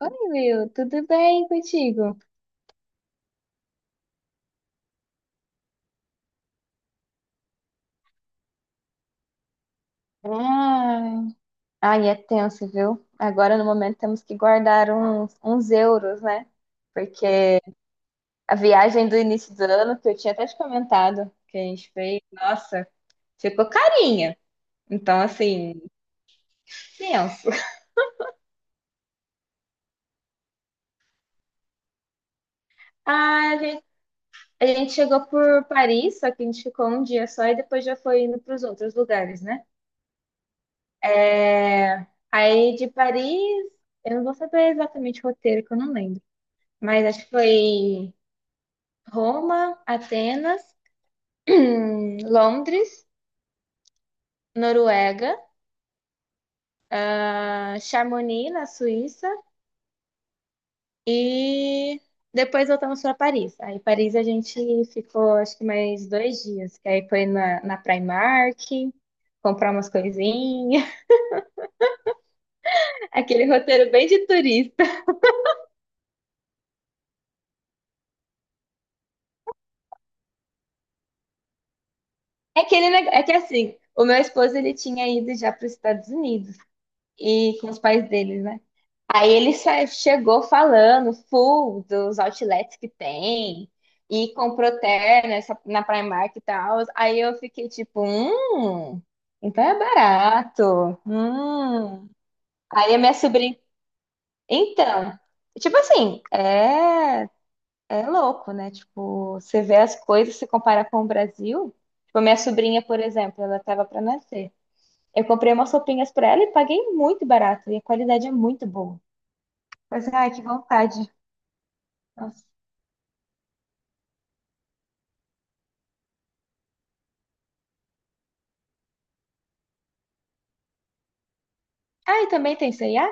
Oi, Will, tudo bem contigo? Ai, ai, é tenso, viu? Agora, no momento, temos que guardar uns euros, né? Porque a viagem do início do ano, que eu tinha até te comentado, que a gente fez, nossa, ficou carinha. Então, assim, tenso. Ah, a gente chegou por Paris, só que a gente ficou um dia só e depois já foi indo para os outros lugares, né? É, aí, de Paris, eu não vou saber exatamente o roteiro, que eu não lembro. Mas acho que foi Roma, Atenas, Londres, Noruega, ah, Chamonix, na Suíça, e depois voltamos para Paris. Aí, Paris, a gente ficou acho que mais dois dias, que aí foi na Primark, comprar umas coisinhas, aquele roteiro bem de turista. É aquele, é que assim, o meu esposo ele tinha ido já para os Estados Unidos e com os pais deles, né? Aí ele chegou falando full dos outlets que tem e comprou terno na Primark e tal. Aí eu fiquei tipo, então é barato. Hum. Aí a minha sobrinha, então, tipo assim, é, é louco, né? Tipo, você vê as coisas, se compara com o Brasil. Tipo, a minha sobrinha, por exemplo, ela tava pra nascer. Eu comprei umas roupinhas pra ela e paguei muito barato e a qualidade é muito boa. Mas, ai, que vontade. Nossa. Ah, e também tem C&A?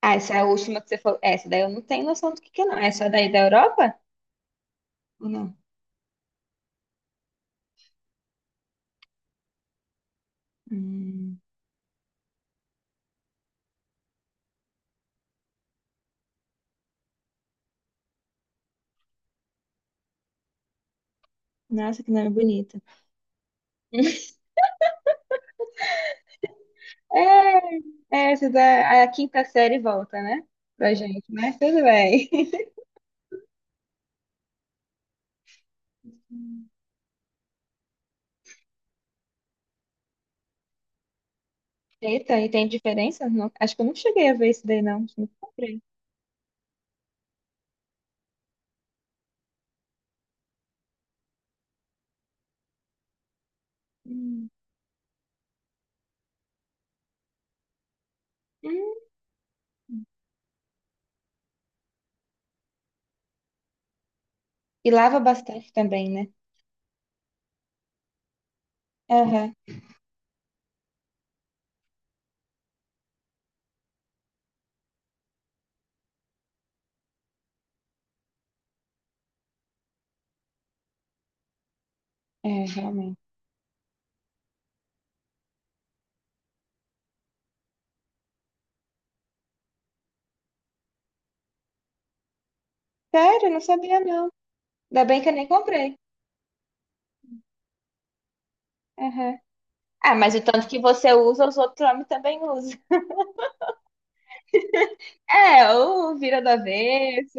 Ah, essa é a última que você falou. É, essa daí eu não tenho noção do que é, não. Essa daí da Europa? Ou não? Hum. Nossa, que nome bonito. É, é essa da a quinta série volta, né? Pra gente, mas tudo bem. Eita, e tem diferença? Acho que eu não cheguei a ver isso daí, não. Acho que não comprei. Hum. Hum. E lava bastante também, né? Aham. É, realmente. Sério, eu não sabia, não. Ainda bem que eu nem comprei. Aham. Ah, mas o tanto que você usa, os outros homens também usam. É, ou vira do avesso.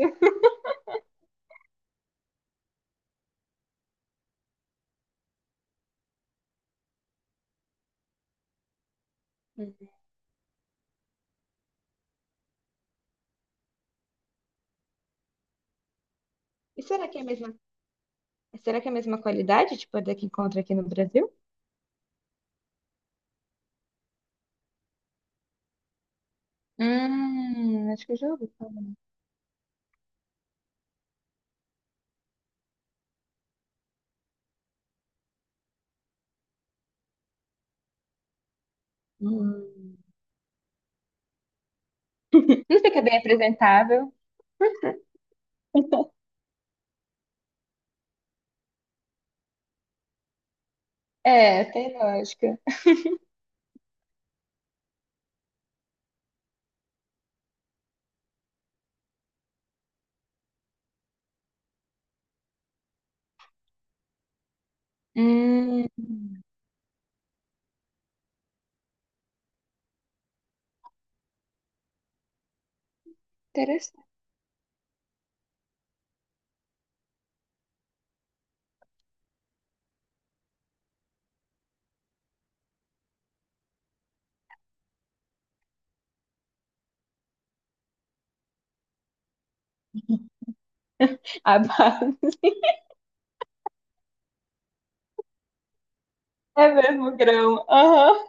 Uhum. E será que é a mesma, será que é a mesma qualidade, tipo, a da que encontra aqui no Brasil? Acho que eu já ouvi falar. Hum. Não fica bem apresentável. É, tem lógica. Hum, interessante. A base é mesmo grão. Aham.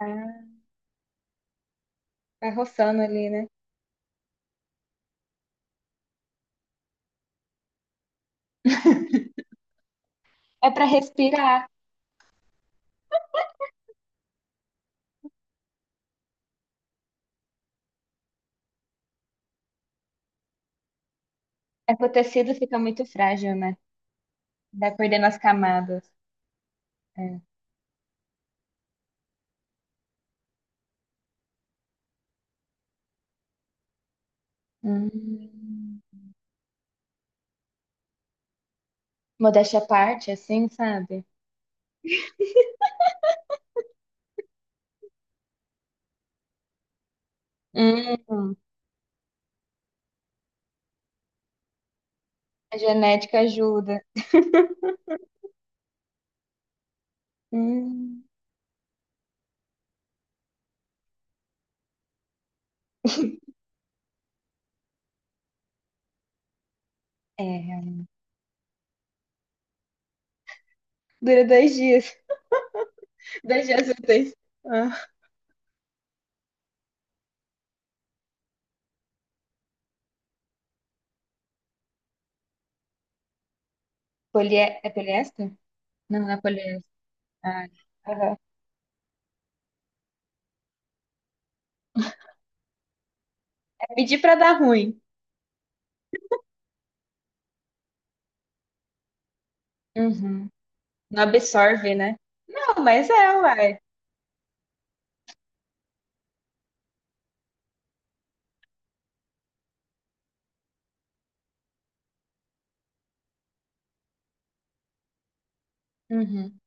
Ah, vai roçando ali, né? É para respirar. É que o tecido fica muito frágil, né? Vai perdendo as camadas. É. Hum. Modéstia à parte, assim, sabe? Hum. A genética ajuda. Hum. É, realmente. Dura dois dias. Dois dias úteis. Ah, Polie... é poliéster? Não, não é poliéster. Ah, aham. É pedir pra dar ruim. Uhum. Não absorve, né? Não, mas é, uai. Uhum.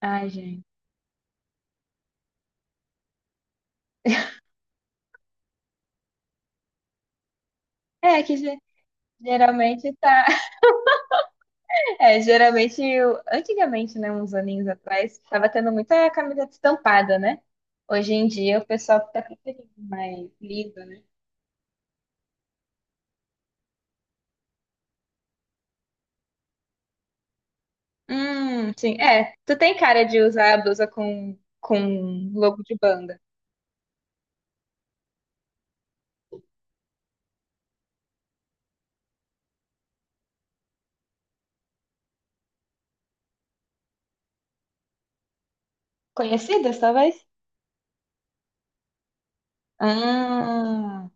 Ai, gente. É que ge- Geralmente tá. É, geralmente, antigamente, né, uns aninhos atrás, tava tendo muita camiseta estampada, né? Hoje em dia o pessoal tá preferindo mais lisa. Sim. É, tu tem cara de usar a blusa com logo de banda. Conhecidas, talvez? Ah,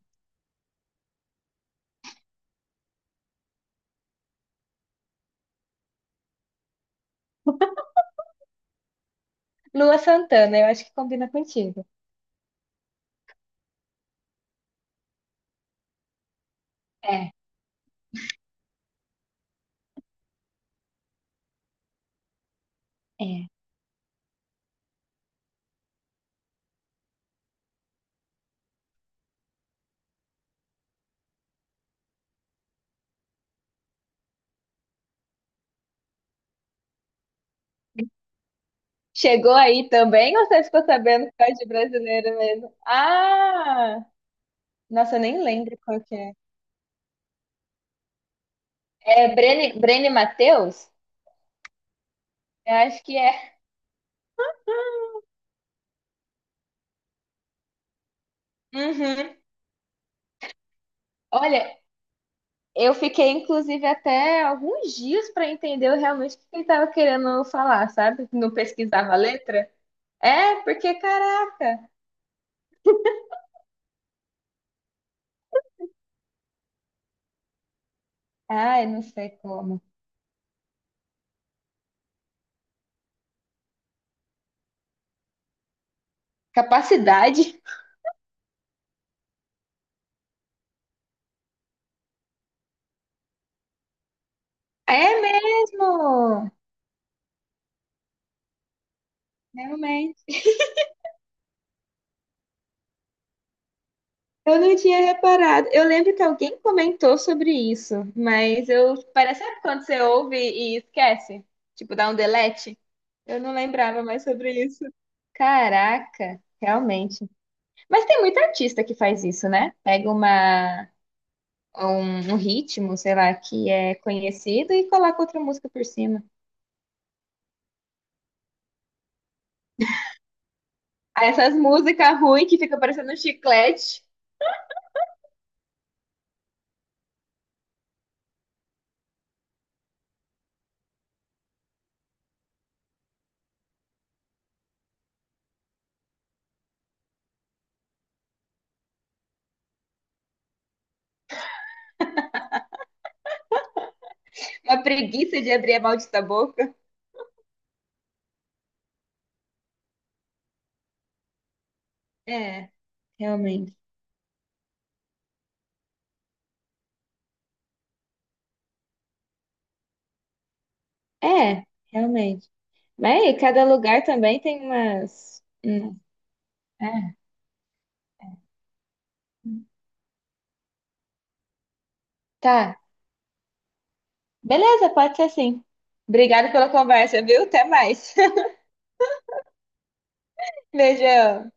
Lua Santana, eu acho que combina contigo. É, é. Chegou aí também ou você ficou sabendo que é de brasileiro mesmo? Ah! Nossa, eu nem lembro qual que é. É Brene Matheus? Eu acho que é. Uhum. Olha, eu fiquei inclusive até alguns dias para entender realmente o que ele estava querendo falar, sabe? Não pesquisava a letra. É, porque caraca. Ai, não sei como. Capacidade. É mesmo. Realmente. Eu não tinha reparado. Eu lembro que alguém comentou sobre isso, mas eu parece sabe quando você ouve e esquece, tipo dá um delete. Eu não lembrava mais sobre isso. Caraca, realmente. Mas tem muito artista que faz isso, né? Pega uma um ritmo, sei lá, que é conhecido e coloca outra música por cima. Aí essas músicas ruins que fica parecendo um chiclete, uma preguiça de abrir a maldita boca. É, realmente. É, realmente. Mas aí, cada lugar também tem umas. É. Tá. Beleza, pode ser sim. Obrigada pela conversa, viu? Até mais. Beijão.